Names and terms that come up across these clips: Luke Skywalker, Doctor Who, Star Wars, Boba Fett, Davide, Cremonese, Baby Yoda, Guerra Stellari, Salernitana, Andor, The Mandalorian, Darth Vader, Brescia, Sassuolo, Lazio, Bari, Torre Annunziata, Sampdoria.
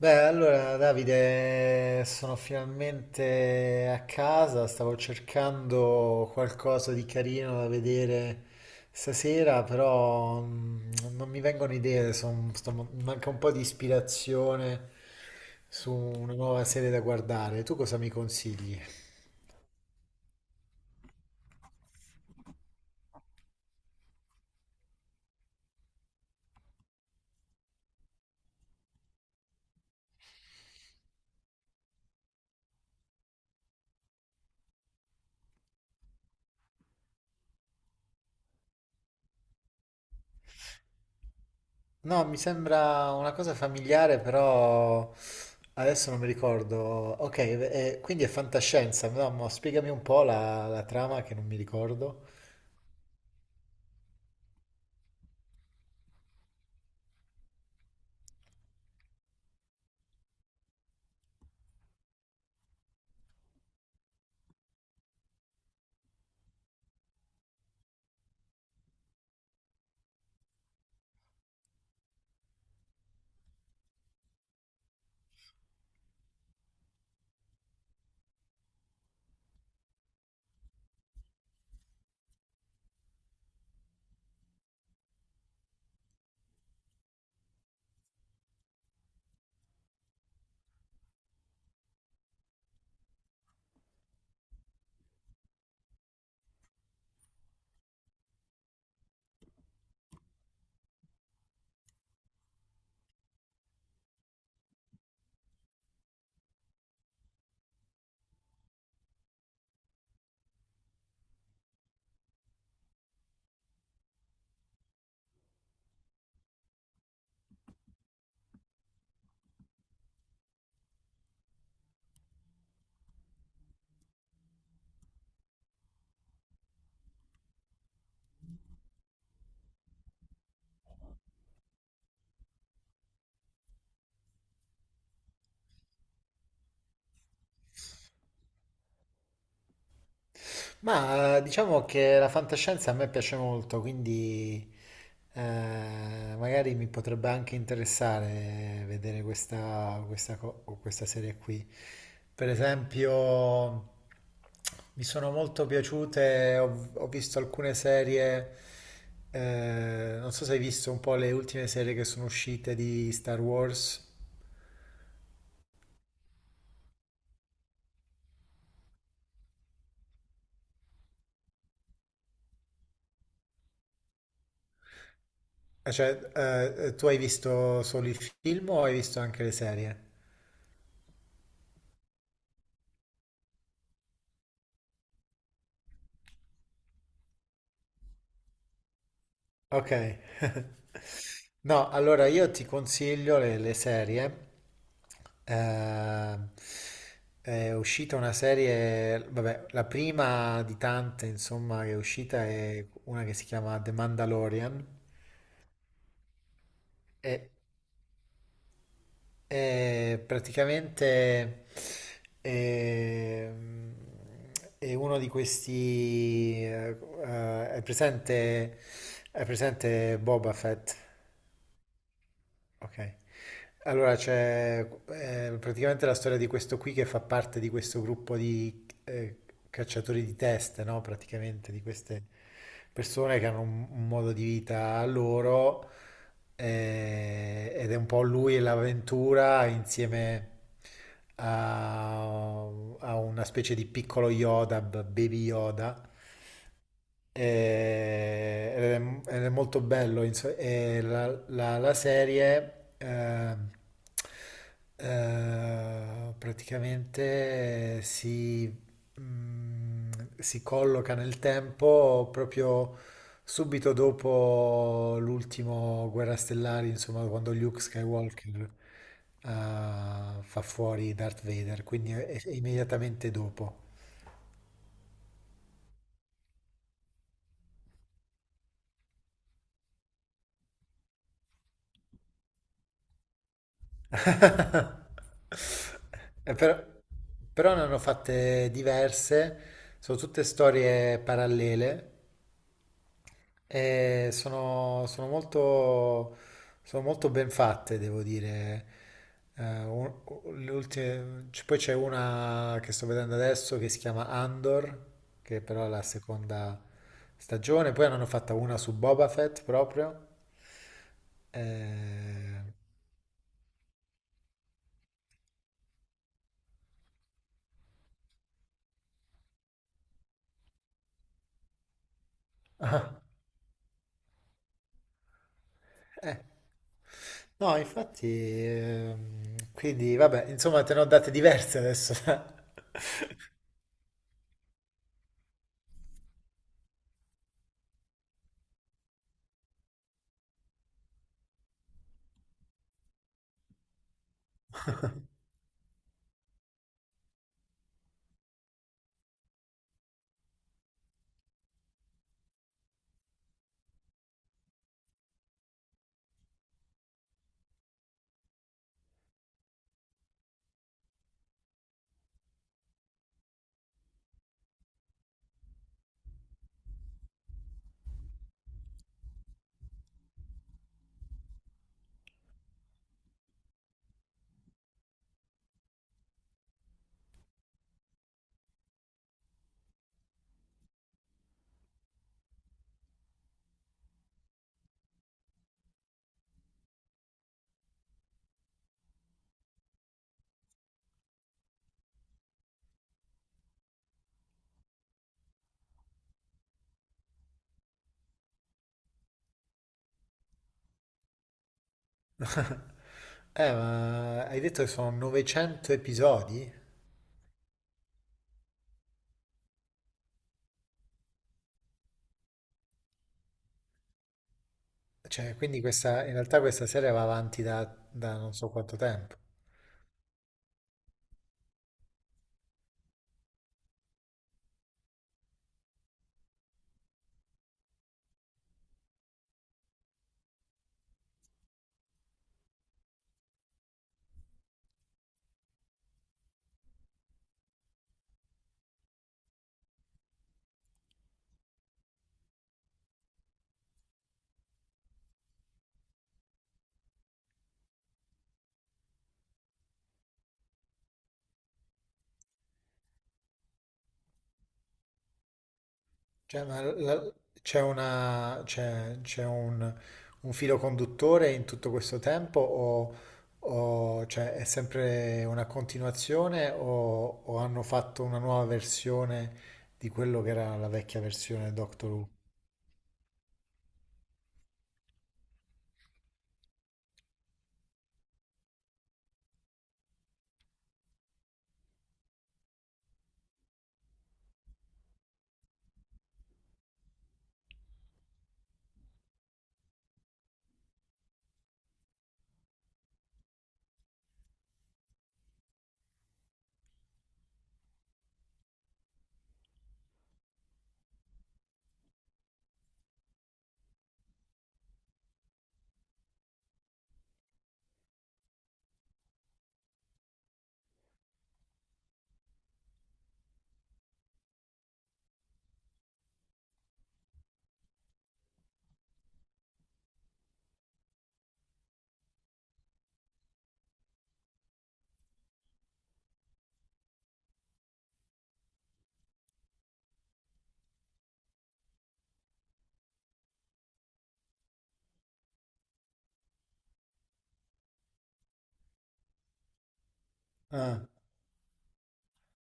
Beh, allora Davide, sono finalmente a casa, stavo cercando qualcosa di carino da vedere stasera, però non mi vengono idee, mi manca un po' di ispirazione su una nuova serie da guardare. Tu cosa mi consigli? No, mi sembra una cosa familiare, però adesso non mi ricordo. Ok, quindi è fantascienza, no? Ma spiegami un po' la trama che non mi ricordo. Ma diciamo che la fantascienza a me piace molto, quindi eh, magari mi potrebbe anche interessare vedere o questa serie qui. Per esempio, mi sono molto piaciute, ho visto alcune serie. Non so se hai visto un po' le ultime serie che sono uscite di Star Wars. Cioè, tu hai visto solo il film o hai visto anche le serie? Ok. No, allora io ti consiglio le serie. Eh, è uscita una serie, vabbè, la prima di tante, insomma, che è uscita è una che si chiama The Mandalorian. È, è praticamente ehm, uno di questi. Eh, è presente, è presente Boba Fett. Ok. Allora c'è, praticamente, la storia di questo qui che fa parte di questo gruppo di, cacciatori di teste, no? Praticamente di queste persone che hanno un modo di vita loro, ed è un po' lui e l'avventura insieme a, a una specie di piccolo Yoda, Baby Yoda, e- ed ed è molto bello. E la serie, eh, praticamente, mm, si colloca nel tempo proprio subito dopo l'ultimo Guerra Stellari, insomma, quando Luke Skywalker, eh, fa fuori Darth Vader, quindi è immediatamente dopo. Eh, Però, però ne hanno fatte diverse, sono tutte storie parallele e sono molto ben fatte, devo dire. Eh, un- Poi c'è una che sto vedendo adesso che si chiama Andor, che però è la seconda stagione. Poi ne hanno fatta una su Boba Fett proprio. Eh, eh, No, infatti, quindi vabbè, insomma, te ne ho date diverse adesso. Ma hai detto che sono 900 episodi? Cioè, quindi questa, in realtà, questa serie va avanti da non so quanto tempo. Cioè, c'è un filo conduttore in tutto questo tempo, o, cioè, è sempre una continuazione, o hanno fatto una nuova versione di quello che era la vecchia versione di Doctor Who? Ah.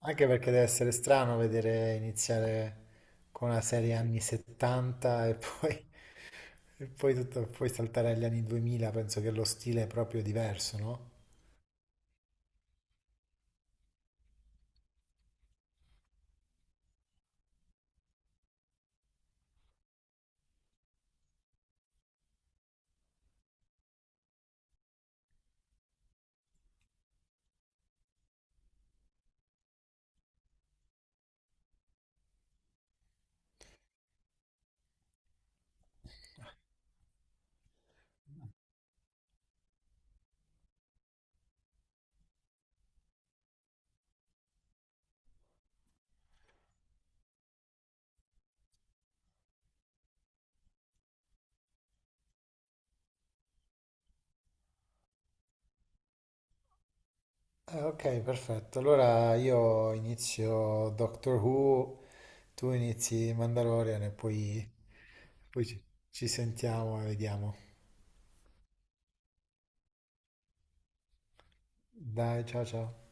Anche perché deve essere strano vedere iniziare con una serie anni 70 e poi, poi saltare agli anni 2000. Penso che lo stile è proprio diverso, no? Ok, perfetto. Allora io inizio Doctor Who, tu inizi Mandalorian e poi, poi ci, ci sentiamo e vediamo. Dai, ciao ciao.